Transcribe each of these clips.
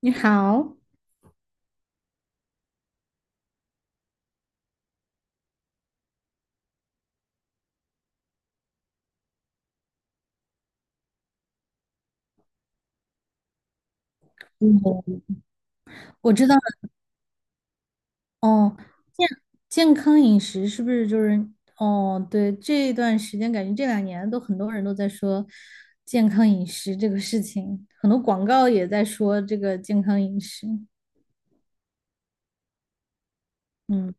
你好，嗯，我知道了哦。健健康饮食是不是就是哦？对，这段时间感觉这两年都很多人都在说健康饮食这个事情，很多广告也在说这个健康饮食。嗯，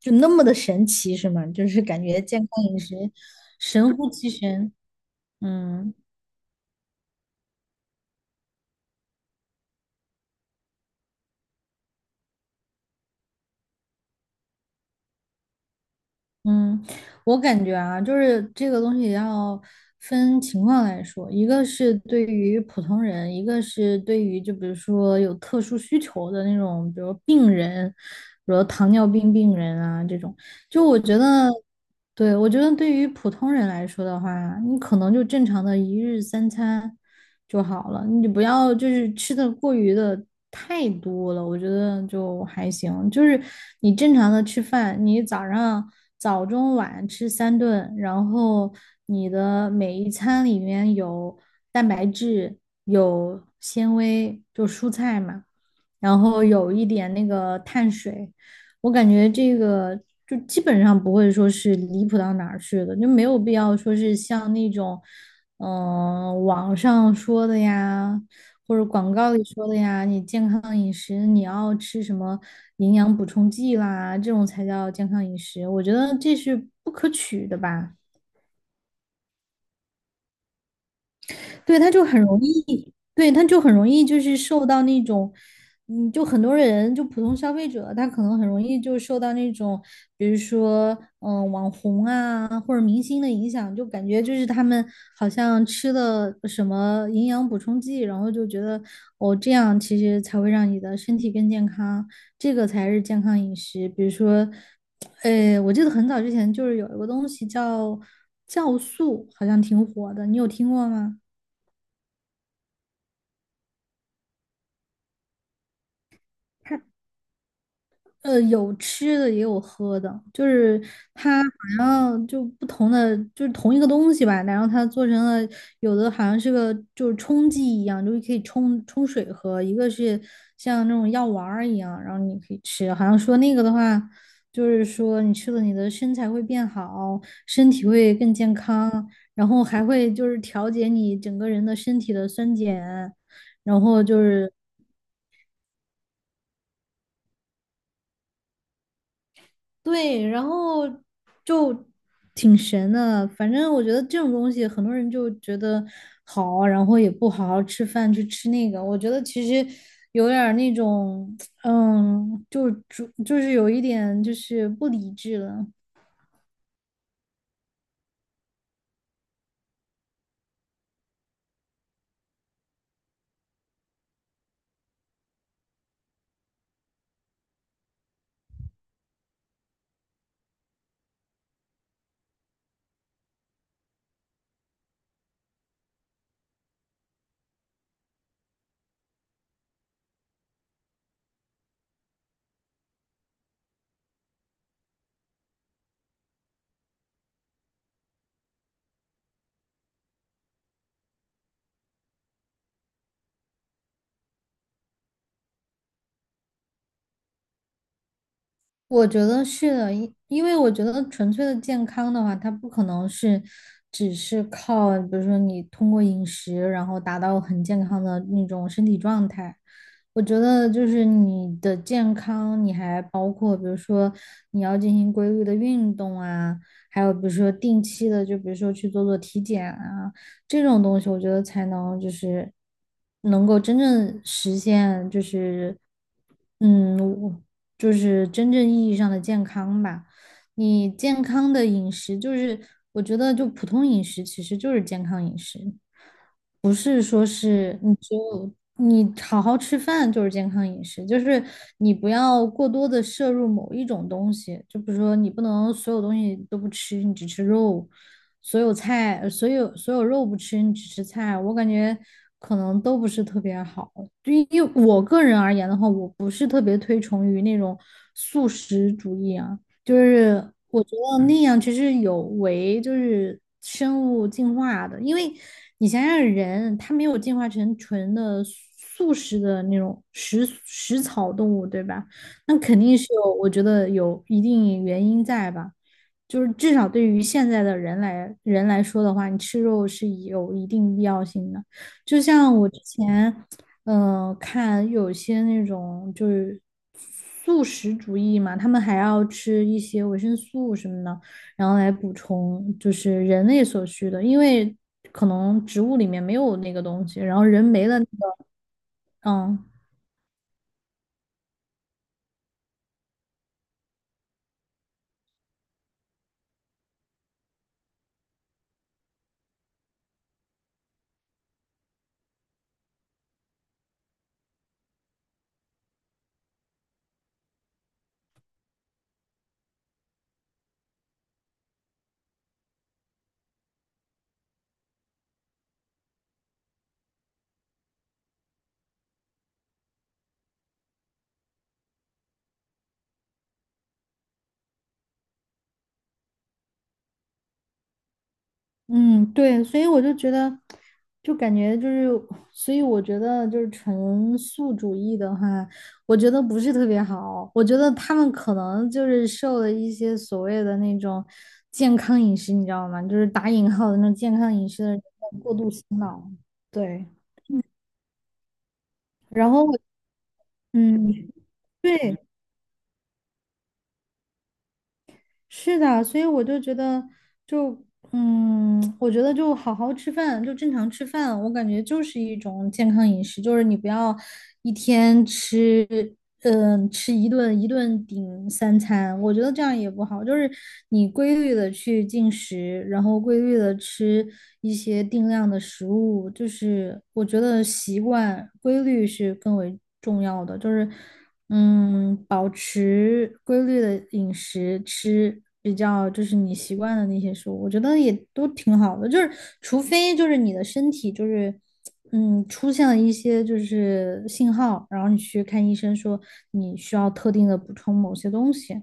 就那么的神奇是吗？就是感觉健康饮食神乎其神。嗯。嗯，我感觉啊，就是这个东西要分情况来说，一个是对于普通人，一个是对于就比如说有特殊需求的那种，比如病人，比如糖尿病病人啊这种，就我觉得。对，我觉得对于普通人来说的话，你可能就正常的一日三餐就好了，你不要就是吃的过于的太多了，我觉得就还行。就是你正常的吃饭，你早上早中晚吃三顿，然后你的每一餐里面有蛋白质，有纤维，就蔬菜嘛，然后有一点那个碳水。我感觉这个就基本上不会说是离谱到哪儿去的，就没有必要说是像那种，网上说的呀，或者广告里说的呀，你健康饮食你要吃什么营养补充剂啦，这种才叫健康饮食，我觉得这是不可取的吧。对，他就很容易，对，他就很容易就是受到那种，就很多人就普通消费者，他可能很容易就受到那种，比如说，网红啊或者明星的影响，就感觉就是他们好像吃了什么营养补充剂，然后就觉得哦，这样其实才会让你的身体更健康，这个才是健康饮食。比如说，我记得很早之前就是有一个东西叫酵素，好像挺火的，你有听过吗？有吃的也有喝的，就是它好像就不同的，就是同一个东西吧，然后它做成了有的好像是个就是冲剂一样，就是可以冲冲水喝，一个是像那种药丸儿一样，然后你可以吃，好像说那个的话，就是说你吃了你的身材会变好，身体会更健康，然后还会就是调节你整个人的身体的酸碱，然后就是。对，然后就挺神的。反正我觉得这种东西，很多人就觉得好，然后也不好好吃饭，去吃那个。我觉得其实有点儿那种，就是有一点就是不理智了。我觉得是的，因为我觉得纯粹的健康的话，它不可能是只是靠，比如说你通过饮食，然后达到很健康的那种身体状态。我觉得就是你的健康，你还包括比如说你要进行规律的运动啊，还有比如说定期的，就比如说去做做体检啊，这种东西，我觉得才能就是能够真正实现，就是嗯，我就是真正意义上的健康吧。你健康的饮食，就是我觉得就普通饮食其实就是健康饮食。不是说是你只有你好好吃饭就是健康饮食，就是你不要过多的摄入某一种东西，就比如说你不能所有东西都不吃，你只吃肉，所有菜，所有肉不吃，你只吃菜，我感觉可能都不是特别好。对于我个人而言的话，我不是特别推崇于那种素食主义啊。就是我觉得那样其实有违就是生物进化的，因为你想想人，他没有进化成纯的素食的那种食草动物，对吧？那肯定是有，我觉得有一定原因在吧。就是至少对于现在的人来说的话，你吃肉是有一定必要性的。就像我之前。看有些那种就是素食主义嘛，他们还要吃一些维生素什么的，然后来补充就是人类所需的，因为可能植物里面没有那个东西，然后人没了，嗯。嗯，对，所以我就觉得，就感觉就是，所以我觉得就是纯素主义的话，我觉得不是特别好。我觉得他们可能就是受了一些所谓的那种健康饮食，你知道吗？就是打引号的那种健康饮食的人的过度洗脑。对，然后我嗯，对，是的，所以我就觉得就，我觉得就好好吃饭，就正常吃饭，我感觉就是一种健康饮食，就是你不要一天吃，吃一顿顶三餐，我觉得这样也不好。就是你规律的去进食，然后规律的吃一些定量的食物，就是我觉得习惯规律是更为重要的，就是。嗯，保持规律的饮食，吃比较就是你习惯的那些食物，我觉得也都挺好的。就是除非就是你的身体就是出现了一些就是信号，然后你去看医生说你需要特定的补充某些东西。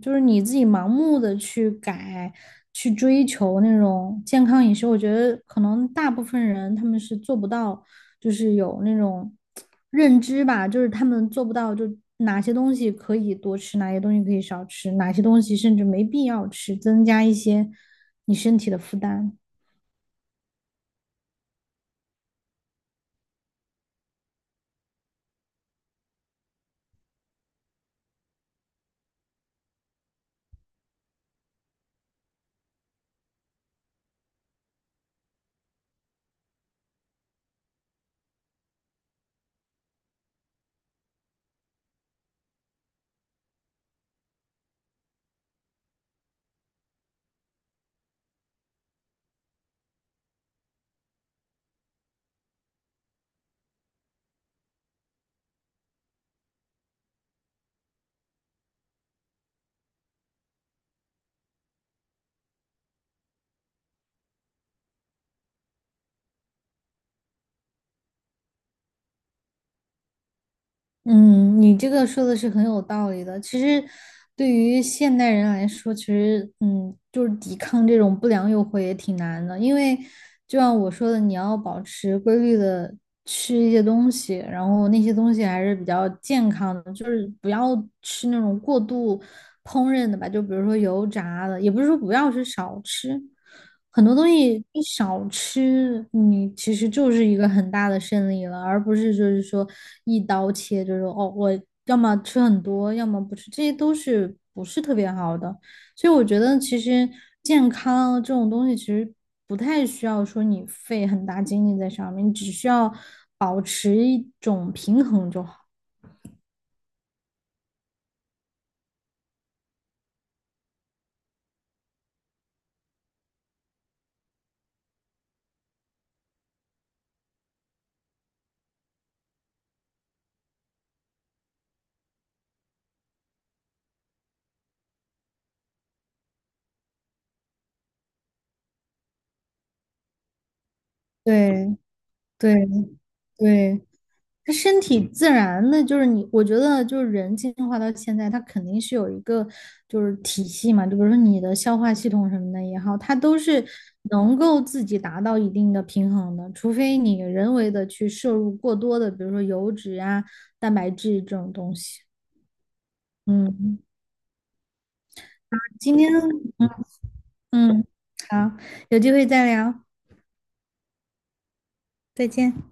就是你自己盲目的去追求那种健康饮食，我觉得可能大部分人他们是做不到，就是有那种认知吧，就是他们做不到，就哪些东西可以多吃，哪些东西可以少吃，哪些东西甚至没必要吃，增加一些你身体的负担。嗯，你这个说的是很有道理的。其实，对于现代人来说，其实就是抵抗这种不良诱惑也挺难的，因为就像我说的，你要保持规律的吃一些东西，然后那些东西还是比较健康的，就是不要吃那种过度烹饪的吧，就比如说油炸的，也不是说不要是少吃。很多东西你少吃，你其实就是一个很大的胜利了，而不是就是说一刀切，就是说哦，我要么吃很多，要么不吃，这些都是不是特别好的。所以我觉得其实健康这种东西其实不太需要说你费很大精力在上面，你只需要保持一种平衡就好。对对对。它身体自然的，就是你，我觉得就是人进化到现在，它肯定是有一个就是体系嘛，就比如说你的消化系统什么的也好，它都是能够自己达到一定的平衡的，除非你人为的去摄入过多的，比如说油脂啊、蛋白质这种东西。嗯，今天嗯好，有机会再聊，再见。